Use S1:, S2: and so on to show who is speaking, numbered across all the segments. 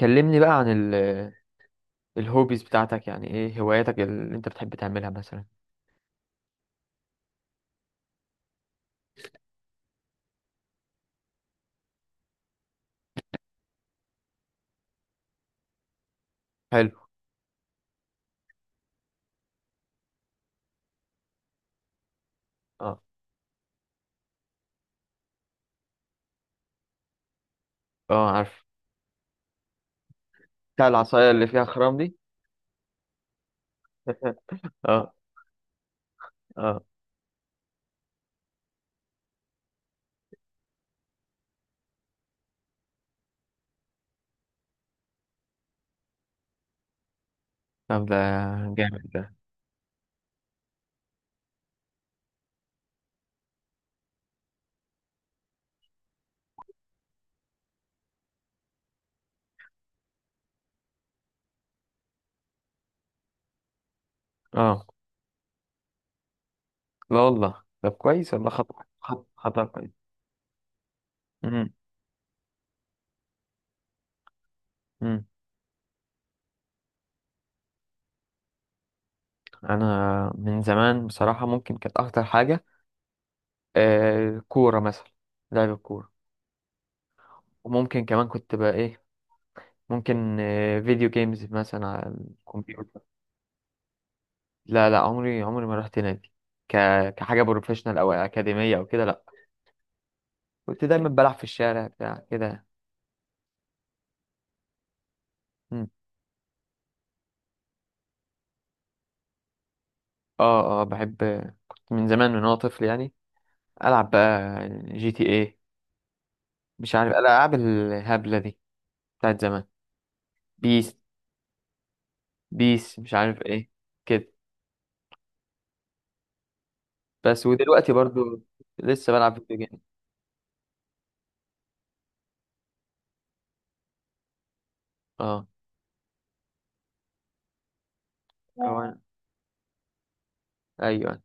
S1: كلمني بقى عن الهوبيز بتاعتك، يعني ايه هواياتك اللي انت بتحب تعملها مثلا؟ حلو. اه. اه، عارف. بتاع العصاية اللي فيها خرام دي؟ اه. اه. طب ده جامد ده. اه، لا والله، طب كويس والله، خطأ كويس. امم امم انا من زمان بصراحة، ممكن كانت اكتر حاجة الكورة مثلا، لعب الكورة. وممكن كمان كنت بقى ايه، ممكن فيديو جيمز مثلا على الكمبيوتر. لا، عمري ما رحت نادي، ك... كحاجة بروفيشنال أو أكاديمية أو كده، لا. كنت دايما بلعب في الشارع بتاع كده. مم. اه، بحب. كنت من زمان، من وأنا طفل يعني، ألعب بقى جي تي ايه، مش عارف الألعاب الهبلة دي بتاعت زمان، بيس، بيس مش عارف ايه كده. بس ودلوقتي برضو لسه بلعب فيديو جيم. اه، أو أنا- أيوه أيوه.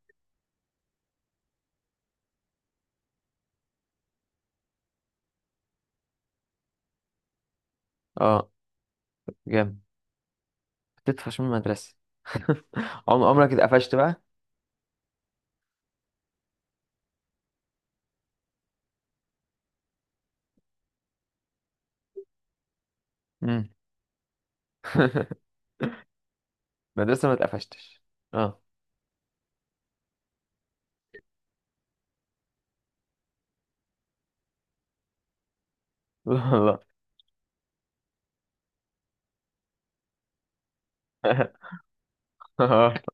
S1: اه، جامد. تطفش من المدرسة؟ عمرك اتقفشت بقى؟ مم. مدرسة ما اتقفشتش؟ اه. لا لا.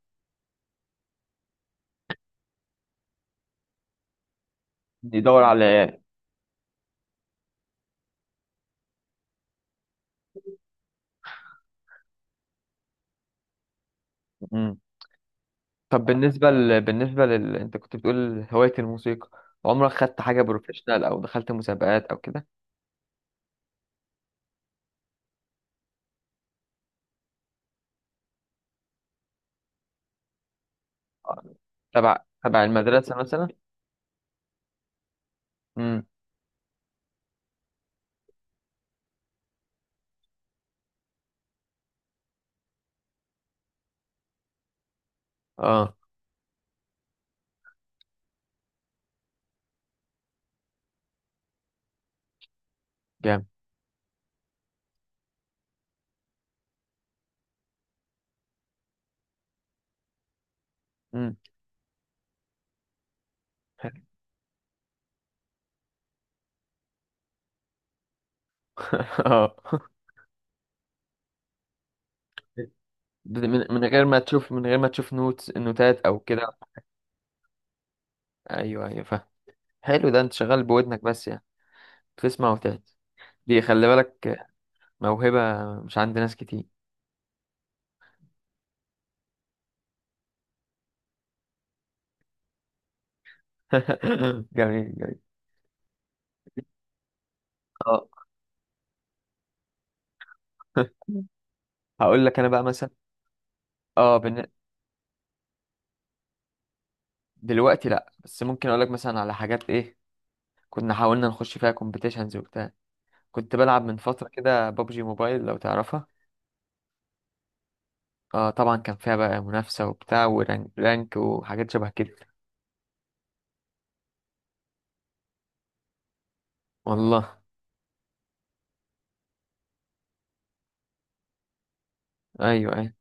S1: يدور على العيال. مم. طب بالنسبة لل... انت كنت بتقول هواية الموسيقى، عمرك خدت حاجة بروفيشنال او دخلت مسابقات او كده؟ آه. تبع، تبع المدرسة مثلا؟ امم. اه، جامد. امم. اه، من غير ما تشوف، من غير ما تشوف نوتس، نوتات او كده؟ ايوه ايوه، فاهم. حلو، ده انت شغال بودنك بس يعني، تسمع وتهت. دي خلي بالك، موهبة مش عند ناس كتير. جميل جميل. اه. هقول لك انا بقى مثلا. اه بن... دلوقتي لا، بس ممكن اقول لك مثلا على حاجات ايه كنا حاولنا نخش فيها كومبيتيشنز وبتاع. كنت بلعب من فترة كده بابجي موبايل، لو تعرفها. اه طبعا، كان فيها بقى منافسة وبتاع ورانك وحاجات شبه كده. والله. ايوه ايوه.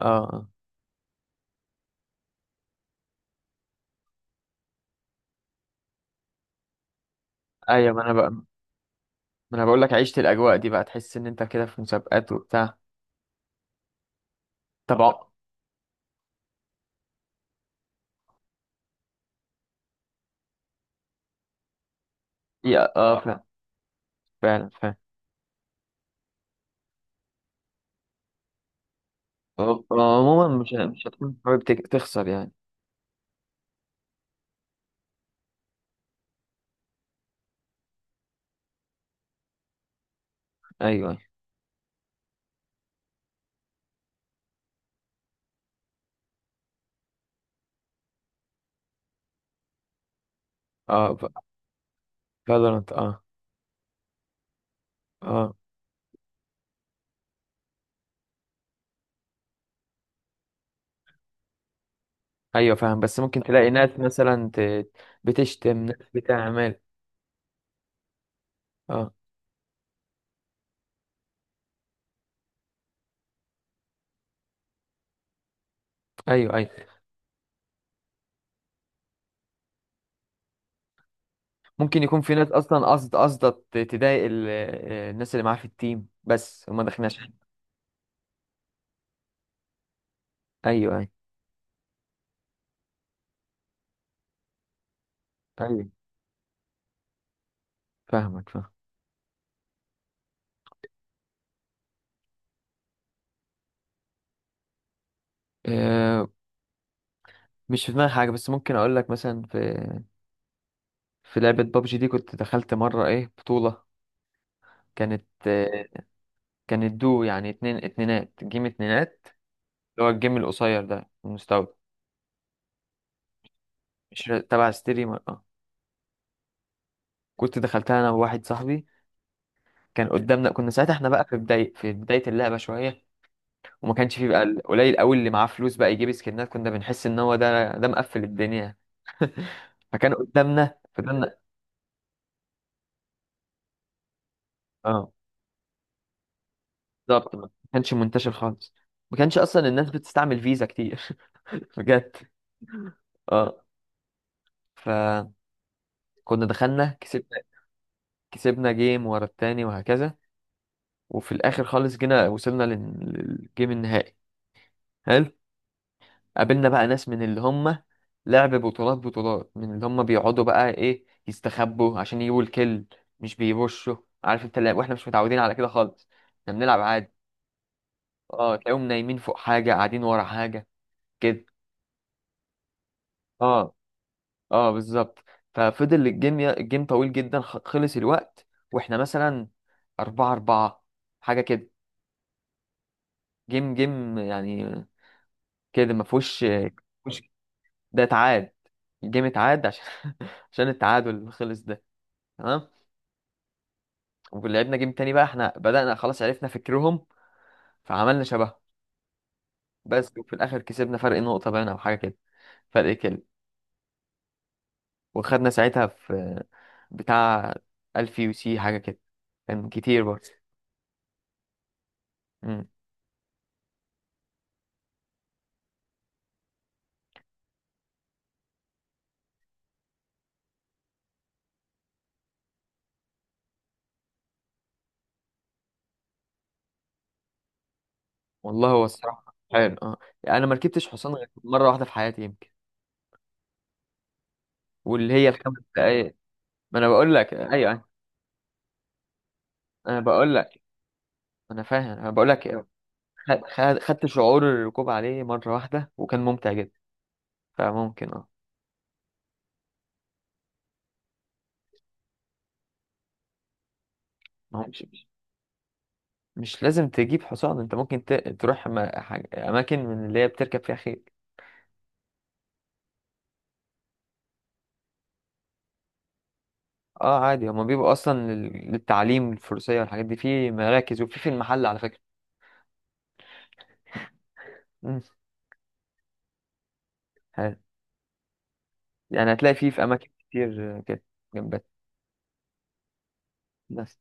S1: اه. آه. ايوه، ما انا بقى ما انا بقول لك عشت الاجواء دي بقى، تحس ان انت كده في مسابقات وبتاع. طبعا. يا اه فعلا، فعلا. عموما مش هتكون حابب تخسر يعني. ايوه أيوة. اه، فالورانت اه. اه، ايوه فاهم، بس ممكن تلاقي ناس مثلا بتشتم ناس، بتعمل. اه. ايوه ايوه، ممكن يكون في ناس اصلا، قصد تضايق ال... آه، الناس اللي معاه في التيم، بس وما دخلناش. ايوه ايوه. ايوه، فاهمك، فاهم. آه، مش في دماغي حاجه، بس ممكن اقول لك مثلا في في لعبه بابجي دي، كنت دخلت مره ايه بطوله. كانت آه، كانت دو، يعني اتنين، اتنينات جيم، اتنينات، اللي هو الجيم القصير ده المستوى. مش، تبع ستريمر اه. كنت دخلتها انا وواحد صاحبي. كان قدامنا، كنا ساعتها احنا بقى في بداية، في بداية اللعبة شوية، وما كانش فيه بقى، قليل قوي اللي معاه فلوس بقى يجيب سكنات. كنا بنحس ان هو ده، ده مقفل الدنيا. فكان قدامنا، فضلنا. اه بالظبط، ما كانش منتشر خالص، ما كانش اصلا الناس بتستعمل فيزا كتير. بجد. اه، فكنا دخلنا، كسبنا. كسبنا جيم ورا التاني وهكذا، وفي الاخر خالص جينا وصلنا للجيم النهائي. حلو. قابلنا بقى ناس من اللي هم لعب بطولات من اللي هم بيقعدوا بقى ايه، يستخبوا عشان يجيبوا الكل، مش بيبشوا. عارف انت، واحنا مش متعودين على كده خالص، احنا بنلعب عادي. اه، تلاقيهم نايمين فوق حاجة، قاعدين ورا حاجة كده. اه. اه بالظبط. ففضل الجيم، الجيم طويل جدا، خلص الوقت واحنا مثلا 4-4، حاجة كده. جيم جيم يعني كده، ما فيهوش. مش، ده اتعاد، الجيم اتعاد عشان عشان التعادل اللي خلص ده. تمام، ولعبنا جيم تاني بقى، احنا بدأنا خلاص عرفنا فكرهم، فعملنا شبههم بس، وفي الآخر كسبنا فرق نقطة باين أو حاجة كده، فرق كده. وخدنا ساعتها في بتاع 1000 يو سي حاجة كده، كان كتير برضه. مم. والله هو الصراحة حلو، اه. أنا ما ركبتش حصان غير مرة واحدة في حياتي يمكن، واللي هي الـ5 دقايق. ما أنا بقول لك أيوه أيوة. أنا بقول لك، أنا فاهم، أنا بقول لك خدت شعور الركوب عليه مرة واحدة وكان ممتع جدا، فممكن اه. ممكن مش لازم تجيب حصان، انت ممكن تروح اماكن من اللي هي بتركب فيها خيل. اه عادي، هما بيبقوا اصلا للتعليم الفروسية والحاجات دي في مراكز، وفي في المحل على فكرة. مم. ها- يعني هتلاقي فيه في اماكن كتير كده، جنبات. بس.